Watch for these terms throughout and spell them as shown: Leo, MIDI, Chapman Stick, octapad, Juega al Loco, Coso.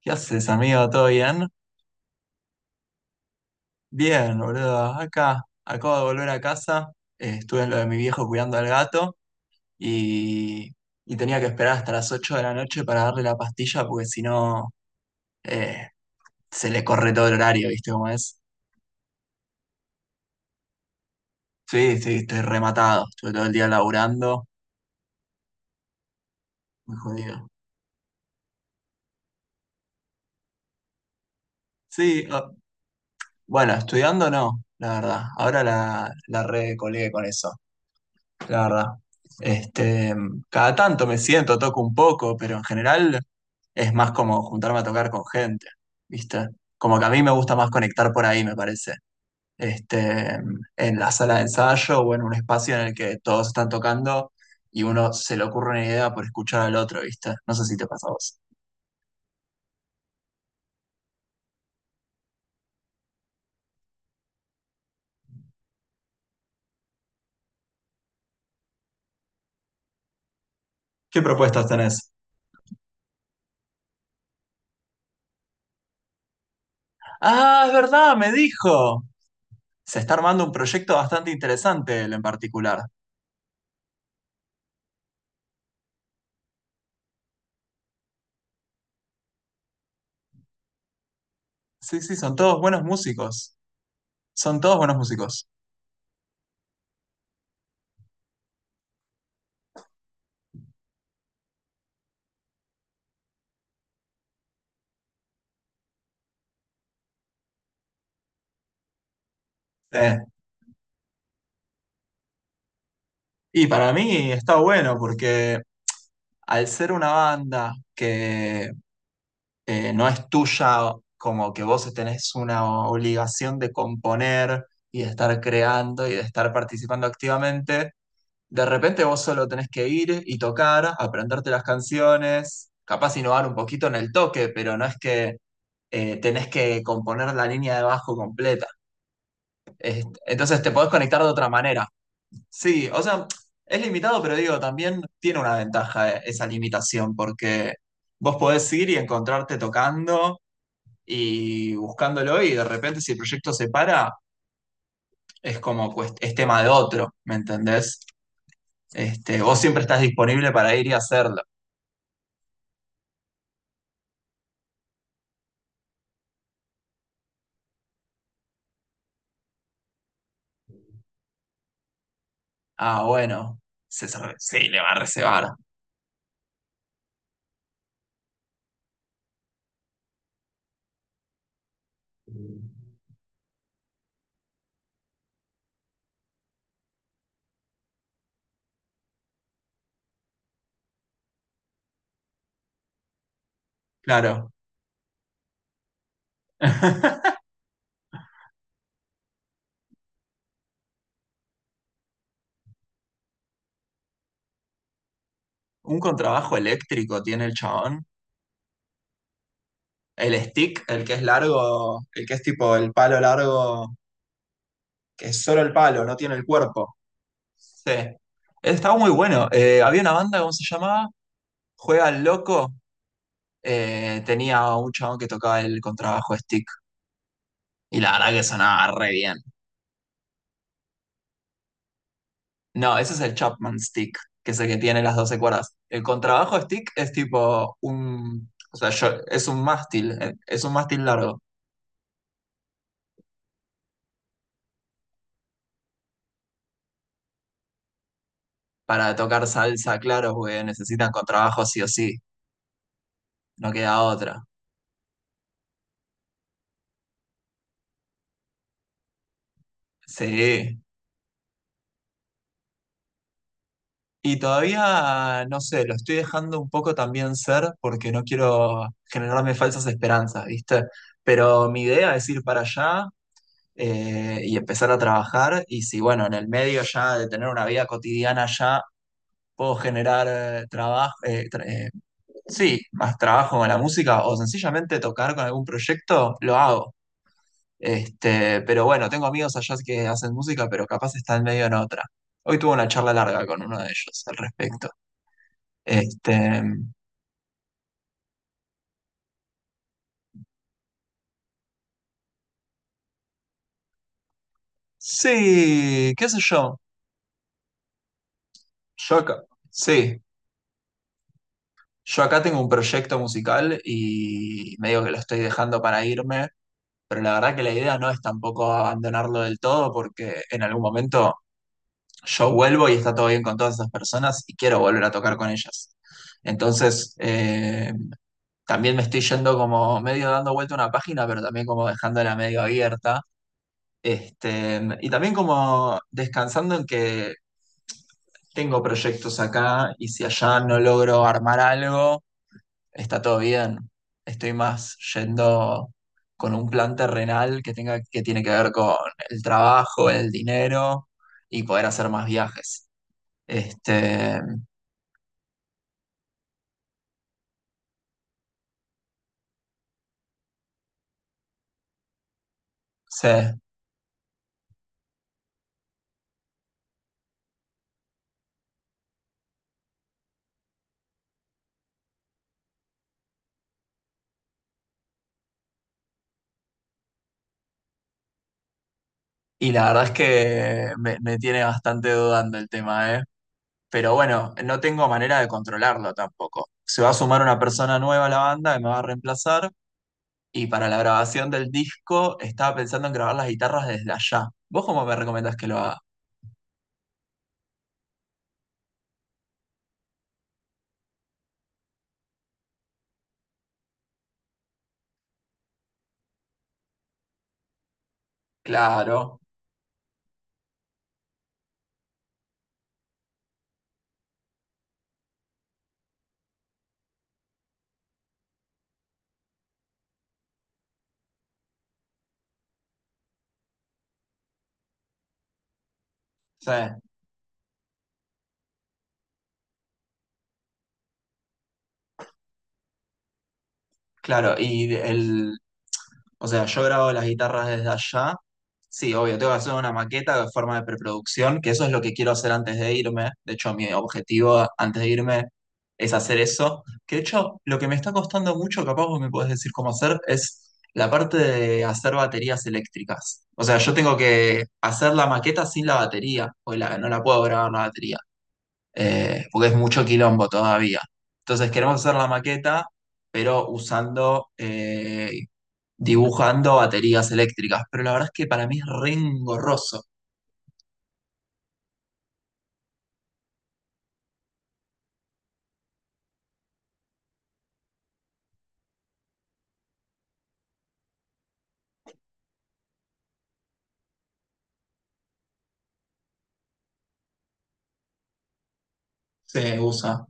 ¿Qué haces, amigo? ¿Todo bien? Bien, boludo. Acá, acabo de volver a casa. Estuve en lo de mi viejo cuidando al gato y, y tenía que esperar hasta las 8 de la noche para darle la pastilla porque si no eh, se le corre todo el horario, ¿viste cómo es? Sí, sí, estoy rematado. Estuve todo el día laburando. Muy jodido. Sí, bueno, estudiando no, la verdad. Ahora la recolegué con eso. La verdad. Este, cada tanto me siento, toco un poco, pero en general es más como juntarme a tocar con gente, ¿viste? Como que a mí me gusta más conectar por ahí, me parece. Este, en la sala de ensayo o en un espacio en el que todos están tocando y uno se le ocurre una idea por escuchar al otro, ¿viste? No sé si te pasa a vos. ¿Qué propuestas tenés? Ah, es verdad, me dijo. Se está armando un proyecto bastante interesante, él en particular. Sí, sí, son todos buenos músicos. Son todos buenos músicos. Sí. Y para mí está bueno porque al ser una banda que no es tuya, como que vos tenés una obligación de componer y de estar creando y de estar participando activamente, de repente vos solo tenés que ir y tocar, aprenderte las canciones, capaz innovar un poquito en el toque, pero no es que tenés que componer la línea de bajo completa. Entonces te podés conectar de otra manera. Sí, o sea, es limitado, pero digo, también tiene una ventaja esa limitación, porque vos podés ir y encontrarte tocando y buscándolo, y de repente si el proyecto se para, es como cuest- es tema de otro, ¿me entendés? Vos siempre estás disponible para ir y hacerlo. Ah, bueno, se sabe- sí, le va a reservar. Claro. Un contrabajo eléctrico tiene el chabón. El stick, el que es largo, el que es tipo el palo largo que es solo el palo, no tiene el cuerpo. Sí. Estaba muy bueno. Había una banda, ¿cómo se llamaba? Juega al Loco. Tenía un chabón que tocaba el contrabajo stick. Y la verdad que sonaba re bien. No, ese es el Chapman Stick, que es el que tiene las 12 cuerdas. El contrabajo stick es tipo un. O sea, yo- es un mástil largo. Para tocar salsa, claro, porque necesitan contrabajo sí o sí. No queda otra. Sí. Y todavía, no sé, lo estoy dejando un poco también ser porque no quiero generarme falsas esperanzas, ¿viste? Pero mi idea es ir para allá y empezar a trabajar y si, bueno, en el medio ya de tener una vida cotidiana ya puedo generar eh, trabajo, eh, tra- eh, sí, más trabajo con la música o sencillamente tocar con algún proyecto, lo hago. Pero bueno, tengo amigos allá que hacen música, pero capaz están medio en otra. Hoy tuve una charla larga con uno de ellos al respecto. Este, sí, qué sé yo. Yo acá, sí, yo acá tengo un proyecto musical y medio que lo estoy dejando para irme, pero la verdad que la idea no es tampoco abandonarlo del todo porque en algún momento yo vuelvo y está todo bien con todas esas personas y quiero volver a tocar con ellas. Entonces, también me estoy yendo como medio dando vuelta a una página, pero también como dejándola medio abierta. Y también como descansando en que tengo proyectos acá y si allá no logro armar algo, está todo bien. Estoy más yendo con un plan terrenal que tenga, que tiene que ver con el trabajo, el dinero y poder hacer más viajes. Este, sí. Y la verdad es que me tiene bastante dudando el tema, ¿eh? Pero bueno, no tengo manera de controlarlo tampoco. Se va a sumar una persona nueva a la banda que me va a reemplazar. Y para la grabación del disco estaba pensando en grabar las guitarras desde allá. ¿Vos cómo me recomendás que lo haga? Claro, sí. Claro, y el, o sea, yo grabo las guitarras desde allá. Sí, obvio, tengo que hacer una maqueta de forma de preproducción, que eso es lo que quiero hacer antes de irme. De hecho, mi objetivo antes de irme es hacer eso. Que de hecho, lo que me está costando mucho, capaz vos me podés decir cómo hacer, es la parte de hacer baterías eléctricas. O sea, yo tengo que hacer la maqueta sin la batería, o la, no la puedo grabar la batería porque es mucho quilombo todavía. Entonces queremos hacer la maqueta, pero usando, dibujando baterías eléctricas. Pero la verdad es que para mí es re engorroso. Se usa.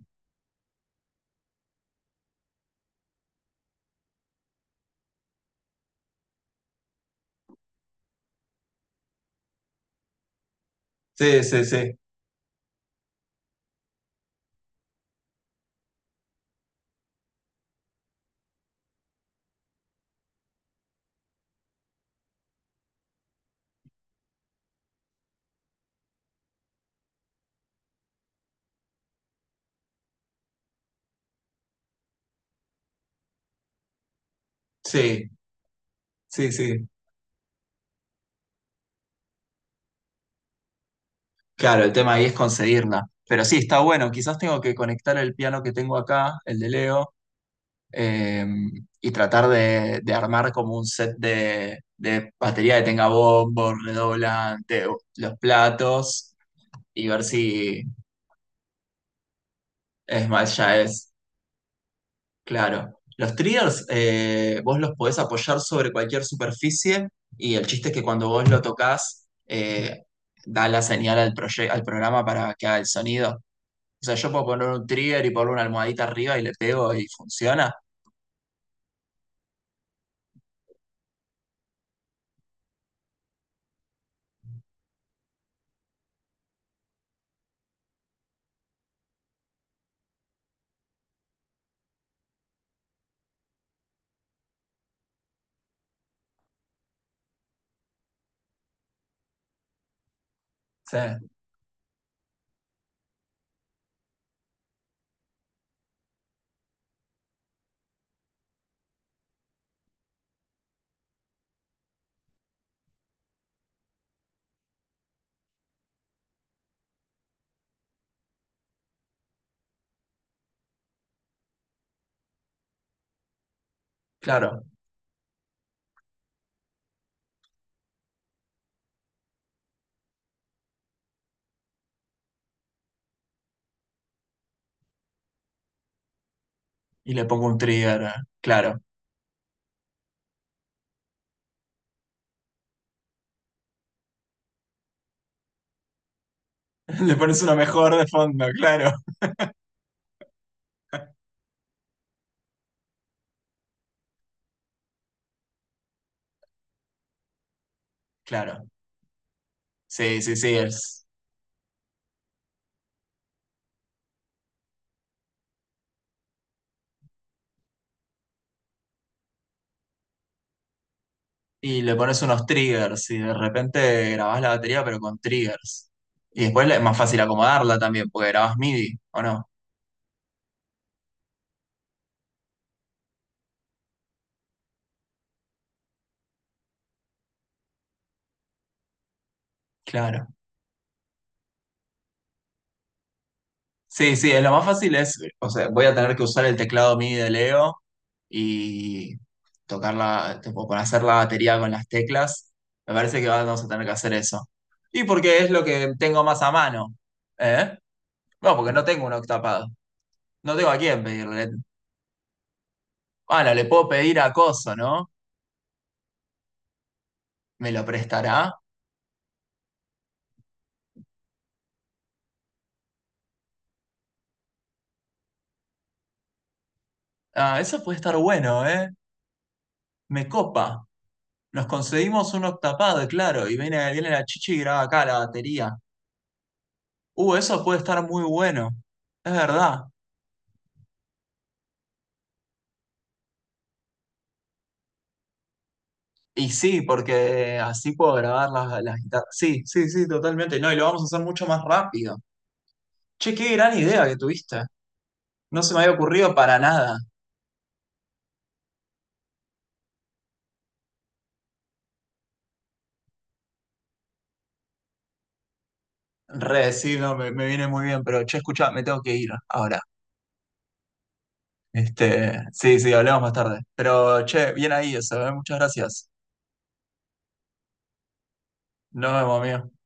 Sí, sí, sí, sí, sí, sí. Claro, el tema ahí es conseguirla. Pero sí, está bueno. Quizás tengo que conectar el piano que tengo acá, el de Leo, eh, y tratar de armar como un set de batería que tenga bombo, redoblante, los platos y ver si Smash ya es claro. Los triggers vos los podés apoyar sobre cualquier superficie y el chiste es que cuando vos lo tocas da la señal al, proye- al programa para que haga el sonido. O sea, yo puedo poner un trigger y poner una almohadita arriba y le pego y funciona. Sí, claro. Y le pongo un trigger, claro. Le pones uno mejor de fondo, claro. Claro. Sí, sí, sí, es. Y le pones unos triggers y de repente grabás la batería pero con triggers. Y después le- es más fácil acomodarla también, porque grabás MIDI, ¿o no? Claro. Sí, sí, es lo más fácil es, o sea, voy a tener que usar el teclado MIDI de Leo y tocarla, tipo, para hacer la batería con las teclas. Me parece que vamos a tener que hacer eso. Y porque es lo que tengo más a mano, ¿eh? No, porque no tengo un octapado. No tengo a quién pedirle. Bueno, le puedo pedir a Coso, ¿no? ¿Me lo prestará? Ah, eso puede estar bueno, ¿eh? Me copa. Nos conseguimos un octapad, claro, y viene, viene la chichi y graba acá la batería. Eso puede estar muy bueno. Es verdad. Y sí, porque así puedo grabar las guitarras. Sí, sí, sí, totalmente. No, y lo vamos a hacer mucho más rápido. Che, qué gran idea que tuviste. No se me había ocurrido para nada. Re, sí, no, me viene muy bien, pero che, escucha, me tengo que ir ahora. Sí, sí, hablamos más tarde. Pero che, bien ahí eso, ¿eh? Muchas gracias. Nos vemos, amigo.